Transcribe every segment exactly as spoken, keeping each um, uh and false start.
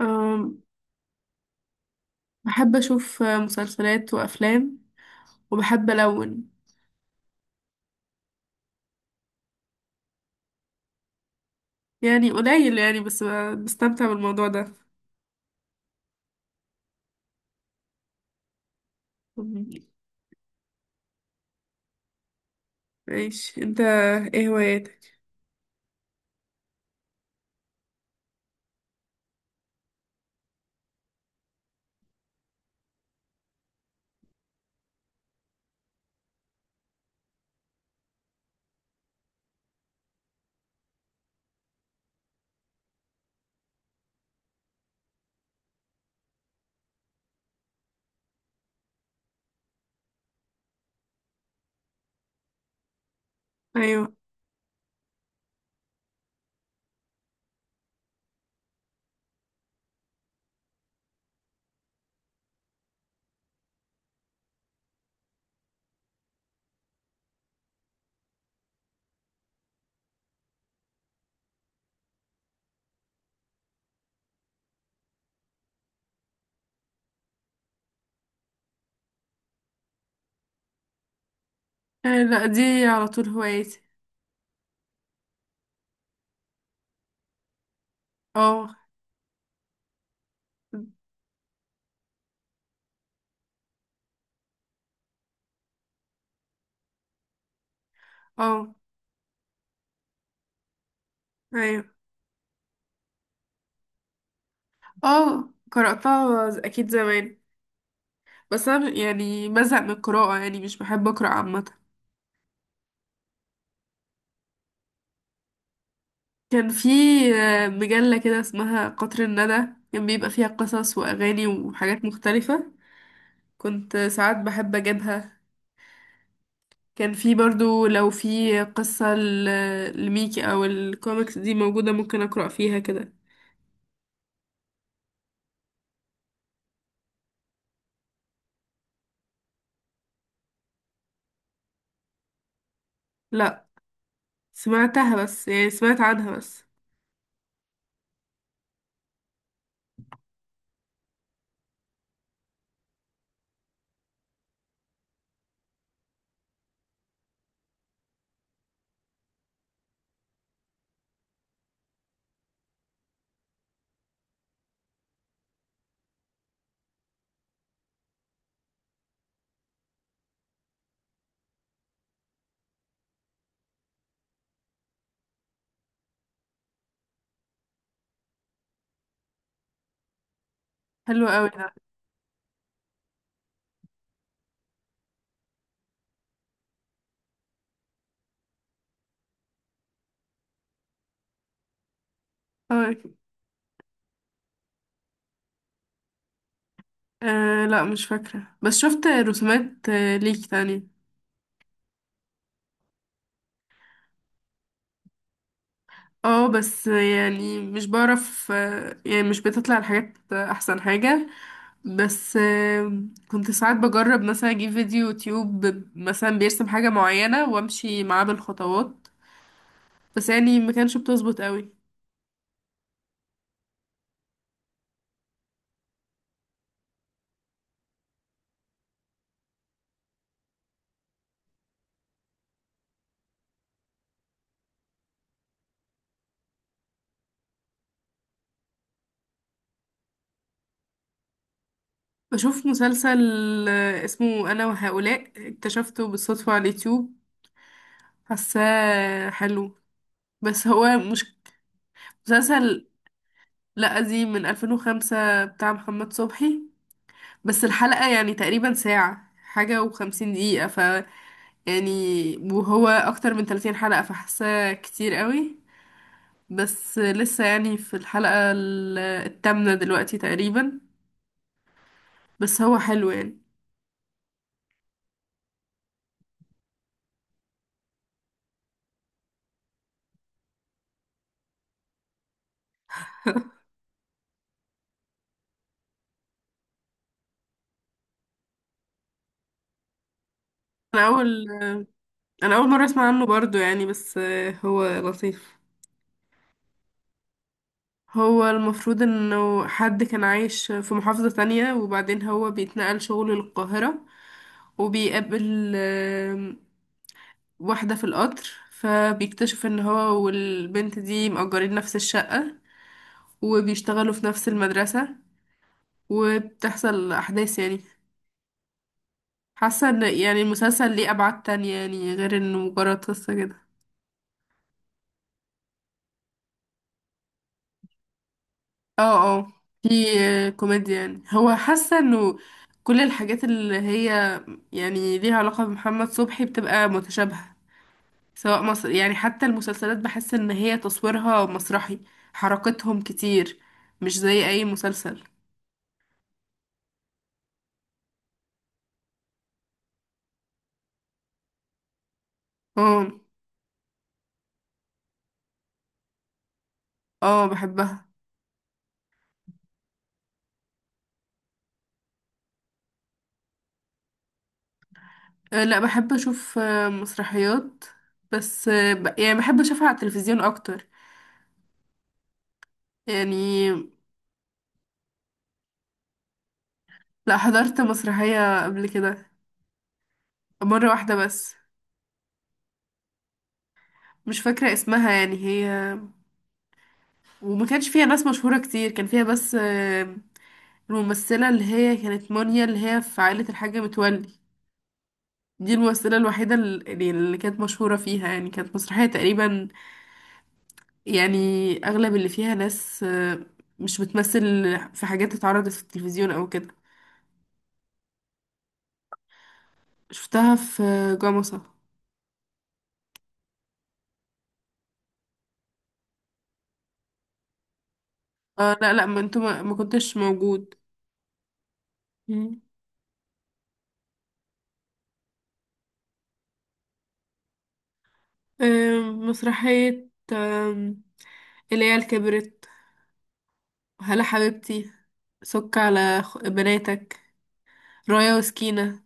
أم، بحب أشوف مسلسلات وأفلام، وبحب ألون. يعني قليل، يعني بس ب- بستمتع بالموضوع ده. أم، ماشي أنت. إيه هواياتك؟ أيوه. آه، لأ، دي على طول هواياتي. اه. اه. أيوه. اه، قرأتها ز- أكيد زمان. بس أنا يعني بزهق من القراءة، يعني مش بحب أقرأ عامة. كان في آه، مجلة كده اسمها قطر الندى. كان بيبقى فيها قصص وأغاني وحاجات مختلفة. كنت ساعات بحب أجيبها. كان في برضو لو في قصة ل- لميكي او الكوميكس دي موجودة ممكن اقرأ فيها كده. لا، سمعتها بس، يعني سمعت عنها بس. حلو قوي ده. اه. آه، لا مش فاكرة، بس شفت رسومات آه، ليكي تاني. اه بس يعني مش بعرف. آه، يعني مش بتطلع الحاجات احسن حاجة. بس آه، كنت ساعات بجرب مثلا اجيب فيديو يوتيوب، مثلا بيرسم حاجة معينة وامشي معاه بالخطوات. بس يعني ما كانش بتظبط قوي. بشوف مسلسل آه، اسمه أنا وهؤلاء، اكتشفته بالصدفة على اليوتيوب. حاساه حلو، بس هو مش مسلسل. لا قديم، من ألفين وخمسة بتاع محمد صبحي. بس الحلقة يعني تقريبا ساعة حاجة وخمسين دقيقة. ف يعني، وهو أكتر من ثلاثين حلقة، فحاساه كتير قوي. بس لسه يعني في الحلقة ال- التامنة دلوقتي تقريبا. بس هو حلو يعني. أنا أول أنا أول مرة أسمع عنه برضو يعني، بس آه، هو لطيف. هو المفروض انه حد كان عايش في محافظة تانية، وبعدين هو بيتنقل شغل للقاهرة، وبيقابل آم، واحدة في القطر. فبيكتشف ان هو والبنت دي مأجرين نفس الشقة، وبيشتغلوا في نفس المدرسة، وبتحصل أحداث يعني. حاسة ان يعني المسلسل ليه أبعاد تانية يعني غير انه مجرد قصة كده. اه. اه، في آه، كوميديا. يعني هو حاسة انه كل الحاجات اللي هي يعني ليها علاقة بمحمد صبحي بتبقى متشابهة، سواء مصر. يعني حتى المسلسلات بحس ان هي تصويرها مسرحي، حركتهم كتير، مش زي اي مسلسل. اه. اه، بحبها. آه، لا بحب اشوف آه، مسرحيات. بس آه، ب- يعني بحب اشوفها على التلفزيون اكتر يعني. لا، حضرت مسرحية قبل كده مرة واحدة بس. مش فاكرة اسمها، يعني هي وما كانش فيها ناس مشهورة كتير. كان فيها بس آه، الممثلة اللي هي كانت مونيا، اللي هي في عائلة الحاجة متولي. دي الممثلة الوحيدة اللي, اللي كانت مشهورة فيها يعني. كانت مسرحية تقريبا يعني، أغلب اللي فيها ناس آه، مش بتمثل، في حاجات اتعرضت في التلفزيون أو كده. شفتها في جمصة. آه لا لا، ما انتوا ما, ما كنتش موجود. مم. آه، مسرحية آه، العيال كبرت، هلا حبيبتي، سك على خ- بناتك، رايا وسكينة،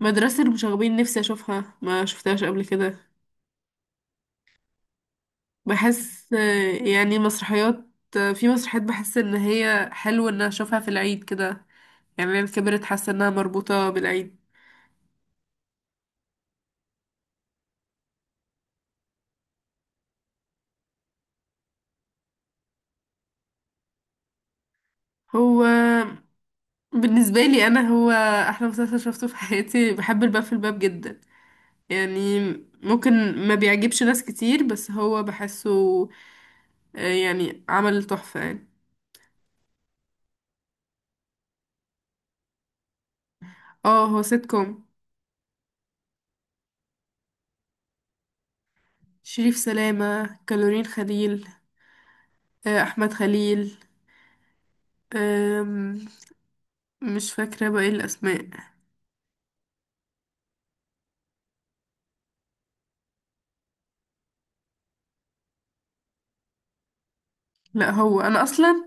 مدرسة المشاغبين نفسي أشوفها ما شفتهاش قبل كده. بحس آه، يعني مسرحيات. آه، في مسرحيات بحس إن هي حلو إن أشوفها في العيد كده. يعني أنا كبرت حاسة إنها مربوطة بالعيد. هو بالنسبة لي أنا، هو أحلى مسلسل شفته في حياتي، بحب الباب في الباب جدا يعني. ممكن ما بيعجبش ناس كتير، بس هو بحسه آه، يعني عمل تحفة يعني. اه هو سيت كوم. شريف سلامة، كالورين خليل، آه، أحمد خليل. أم، مش فاكرة بقى ايه الأسماء. لا، هو أنا أصلا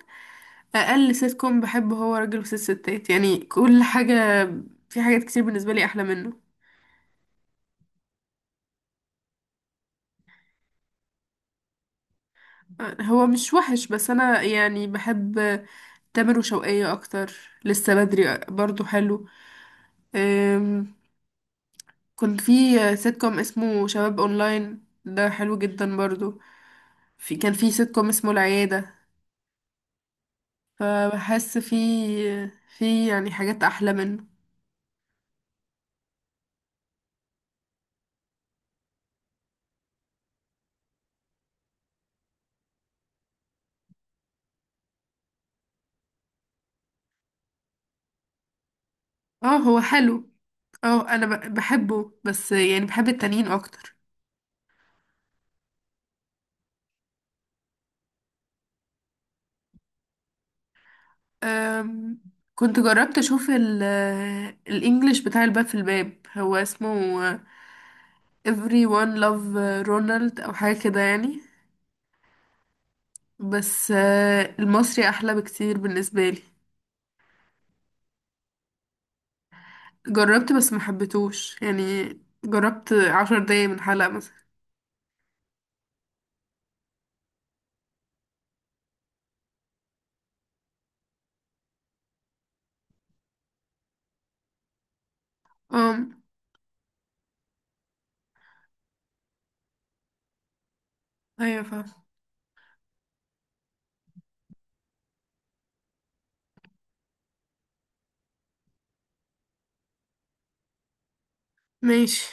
أقل سيت كوم بحبه هو راجل وست ستات يعني. كل حاجة، في حاجات كتير بالنسبة لي أحلى منه. أه، هو مش وحش، بس أنا يعني بحب تامر وشوقية أكتر. لسه بدري برضو حلو. أم، كنت في سيت كوم اسمه شباب أونلاين ده حلو جدا برضو. في كان في سيت كوم اسمه العيادة. فبحس في، في يعني حاجات أحلى منه. اه هو حلو. اه انا ب- بحبه، بس يعني بحب التانيين اكتر. أم كنت جربت اشوف ال آه، الانجليش بتاع الباب في الباب، هو اسمه everyone love رونالد او حاجه كده يعني. بس آه، المصري احلى بكتير بالنسبه لي. جربت بس ما حبيتهوش يعني. جربت عشر دقايق من حلقه مثلا. اه ايوه فاهم. ماشي